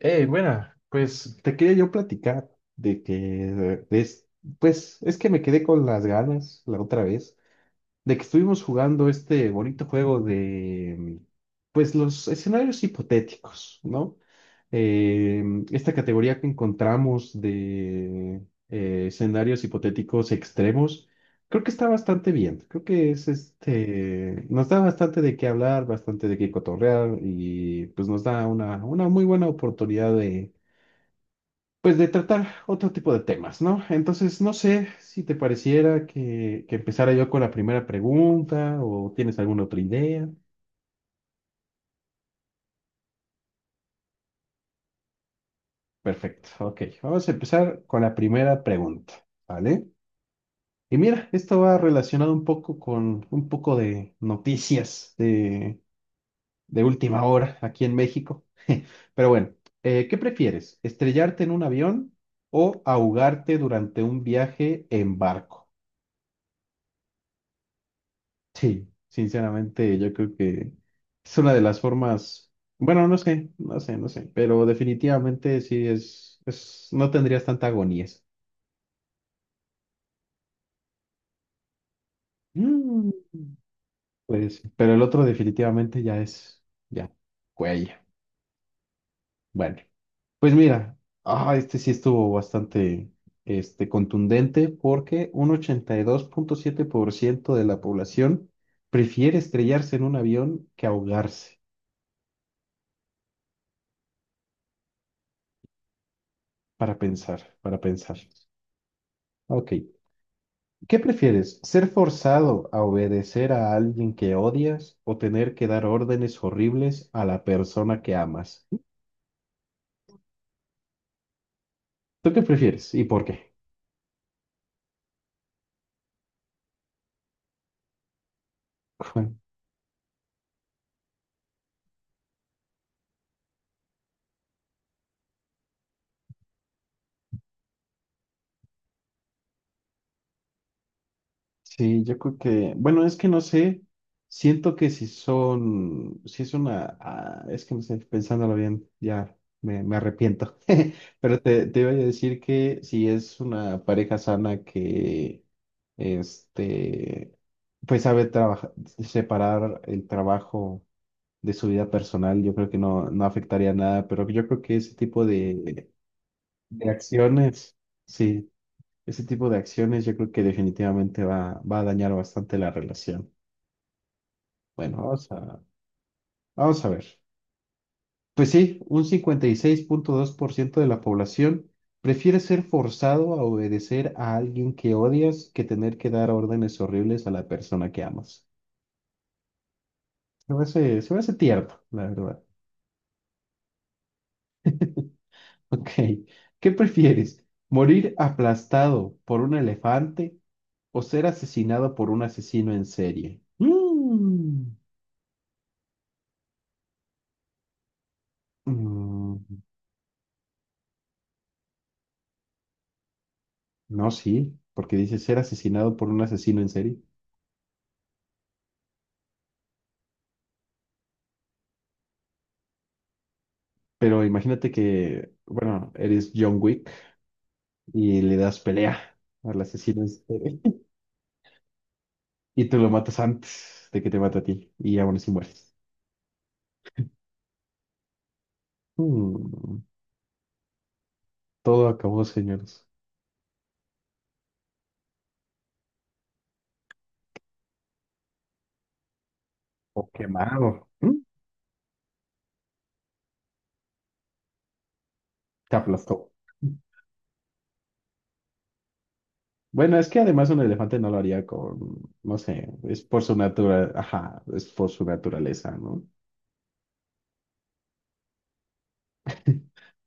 Buena, pues te quería yo platicar de que, pues, es que me quedé con las ganas la otra vez de que estuvimos jugando este bonito juego de, pues, los escenarios hipotéticos, ¿no? Eh, Esta categoría que encontramos de escenarios hipotéticos extremos, creo que está bastante bien. Creo que es este, nos da bastante de qué hablar, bastante de qué cotorrear y pues nos da una muy buena oportunidad pues de tratar otro tipo de temas, ¿no? Entonces, no sé si te pareciera que empezara yo con la primera pregunta o tienes alguna otra idea. Perfecto, ok. Vamos a empezar con la primera pregunta, ¿vale? Y mira, esto va relacionado un poco con un poco de noticias de última hora aquí en México. Pero bueno, ¿qué prefieres? ¿Estrellarte en un avión o ahogarte durante un viaje en barco? Sí, sinceramente yo creo que es una de las formas, bueno, no sé, no sé, no sé, pero definitivamente sí es, no tendrías tanta agonía. Mm. Pues, pero el otro definitivamente ya es, ya, cuello. Bueno, pues mira, ah, este sí estuvo bastante, este, contundente porque un 82.7% de la población prefiere estrellarse en un avión que ahogarse, para pensar, para pensar. Ok. ¿Qué prefieres? ¿Ser forzado a obedecer a alguien que odias o tener que dar órdenes horribles a la persona que amas? ¿Tú qué prefieres y por qué? Bueno, sí, yo creo que, bueno, es que no sé, siento que si es una, es que no sé, pensándolo bien, ya me arrepiento, pero te iba a decir que si es una pareja sana que, este, pues sabe trabajar, separar el trabajo de su vida personal, yo creo que no, no afectaría nada, pero yo creo que ese tipo de acciones, sí, ese tipo de acciones yo creo que definitivamente va a dañar bastante la relación. Bueno, vamos a ver. Pues sí, un 56.2% de la población prefiere ser forzado a obedecer a alguien que odias que tener que dar órdenes horribles a la persona que amas. Se me hace tierno, la verdad. Ok, ¿qué prefieres? ¿Morir aplastado por un elefante o ser asesinado por un asesino en serie? Mm. Mm, no, sí, porque dice ser asesinado por un asesino en serie. Pero imagínate que, bueno, eres John Wick y le das pelea al asesino en serie y te lo matas antes de que te mate a ti y aún así mueres. Mm. Todo acabó, señores. O quemado. Mm. Te aplastó. Bueno, es que además un elefante no lo haría con, no sé, es por su ajá, es por su naturaleza, ¿no?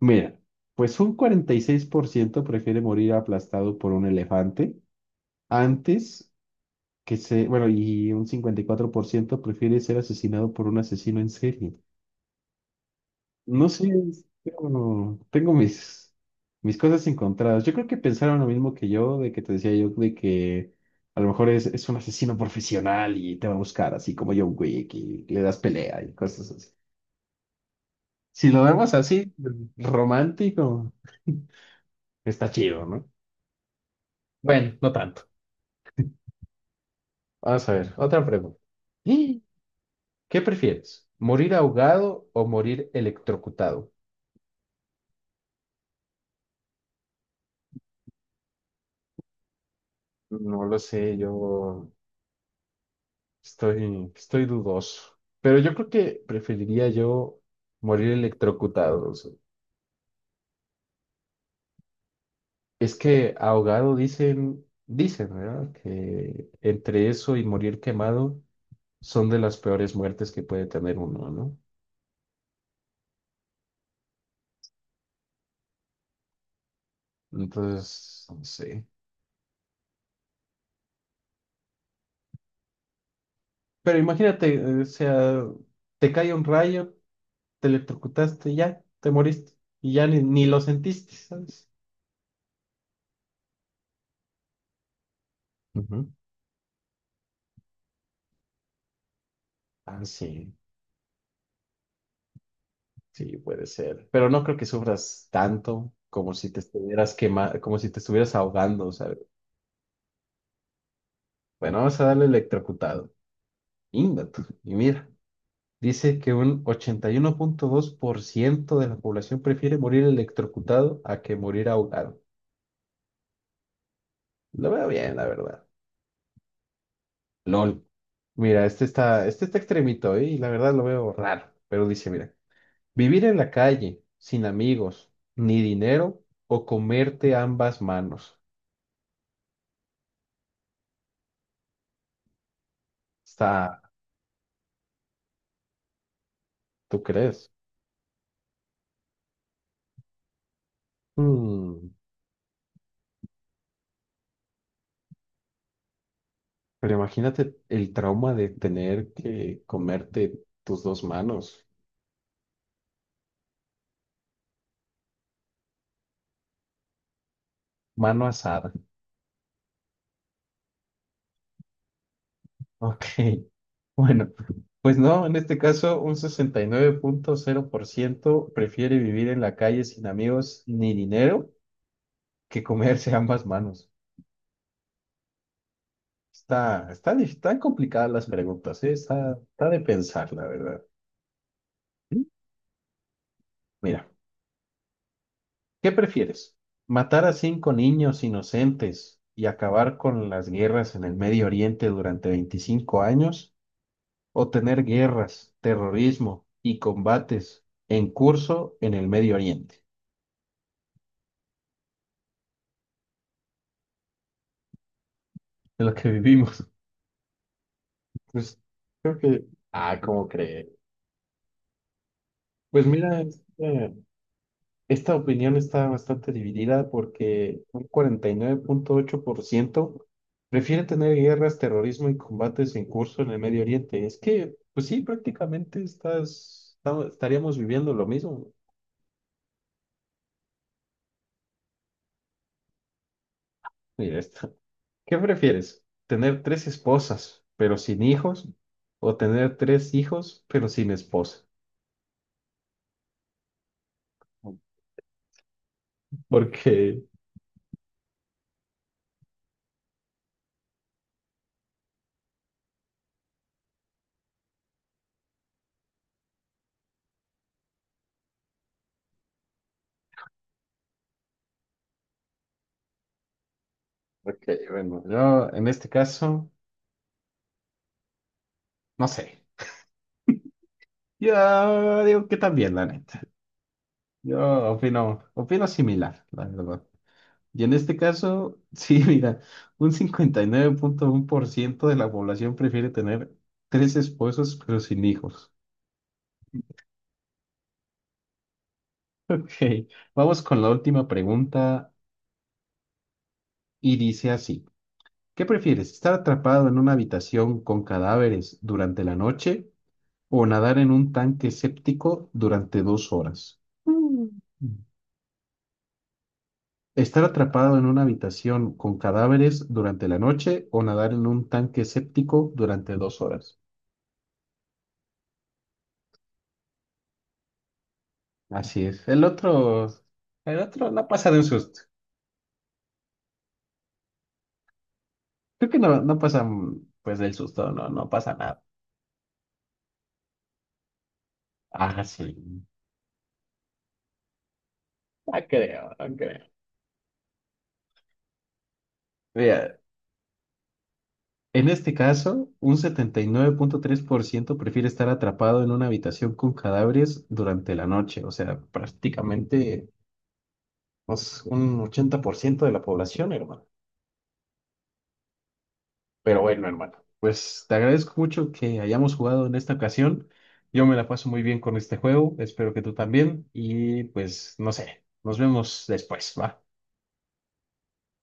Mira, pues un 46% prefiere morir aplastado por un elefante antes que se, bueno, y un 54% prefiere ser asesinado por un asesino en serie. No sé, es tengo mis cosas encontradas. Yo creo que pensaron lo mismo que yo, de que te decía yo, de que a lo mejor es un asesino profesional y te va a buscar, así como John Wick, y le das pelea y cosas así. Si lo vemos así, romántico, está chido, ¿no? Bueno, no tanto. Vamos a ver, otra pregunta. ¡Ah! ¿Qué prefieres? ¿Morir ahogado o morir electrocutado? No lo sé, yo. Estoy dudoso. Pero yo creo que preferiría yo morir electrocutado. O sea, es que ahogado dicen, ¿verdad? Que entre eso y morir quemado son de las peores muertes que puede tener uno, ¿no? Entonces, no sé. Pero imagínate, o sea, te cae un rayo, te electrocutaste, y ya, te moriste. Y ya ni lo sentiste, ¿sabes? Ujú. Ah, sí. Sí, puede ser. Pero no creo que sufras tanto como si te estuvieras quema- como si te estuvieras ahogando, ¿sabes? Bueno, vamos a darle electrocutado. Íngatu. Y mira, dice que un 81.2% de la población prefiere morir electrocutado a que morir ahogado. Lo veo bien, la verdad. LOL. Mira, este está extremito, ¿eh? Y la verdad lo veo raro. Pero dice, mira, vivir en la calle, sin amigos, ni dinero, o comerte ambas manos. Está, ¿tú crees? Mm, pero imagínate el trauma de tener que comerte tus dos manos. Mano asada. Ok. Bueno, pues no, en este caso un 69.0% prefiere vivir en la calle sin amigos ni dinero que comerse ambas manos. Está, están complicadas las preguntas, ¿eh? Está de pensar, la verdad. Mira. ¿Qué prefieres? ¿Matar a cinco niños inocentes y acabar con las guerras en el Medio Oriente durante 25 años? ¿O tener guerras, terrorismo y combates en curso en el Medio Oriente? De lo que vivimos. Pues creo que. Ah, ¿cómo cree? Pues mira, eh, esta opinión está bastante dividida porque un 49.8% prefiere tener guerras, terrorismo y combates en curso en el Medio Oriente. Es que, pues sí, prácticamente estaríamos viviendo lo mismo. Mira esta. ¿Qué prefieres? ¿Tener tres esposas pero sin hijos? ¿O tener tres hijos pero sin esposa? Porque, porque, bueno, yo en este caso, no sé. Yo digo que también, la neta. Yo opino similar, la verdad. Y en este caso, sí, mira, un 59.1% de la población prefiere tener tres esposos pero sin hijos. Ok, vamos con la última pregunta y dice así, ¿qué prefieres, estar atrapado en una habitación con cadáveres durante la noche o nadar en un tanque séptico durante 2 horas? Mm. Estar atrapado en una habitación con cadáveres durante la noche o nadar en un tanque séptico durante dos horas. Así es. El otro no pasa de un susto. Creo que no, no pasa pues del susto, no, no pasa nada. Ah, sí. No creo, no creo. Mira, en este caso, un 79.3% prefiere estar atrapado en una habitación con cadáveres durante la noche. O sea, prácticamente pues, un 80% de la población, hermano. Pero bueno, hermano, pues te agradezco mucho que hayamos jugado en esta ocasión. Yo me la paso muy bien con este juego, espero que tú también y pues no sé, nos vemos después, ¿va?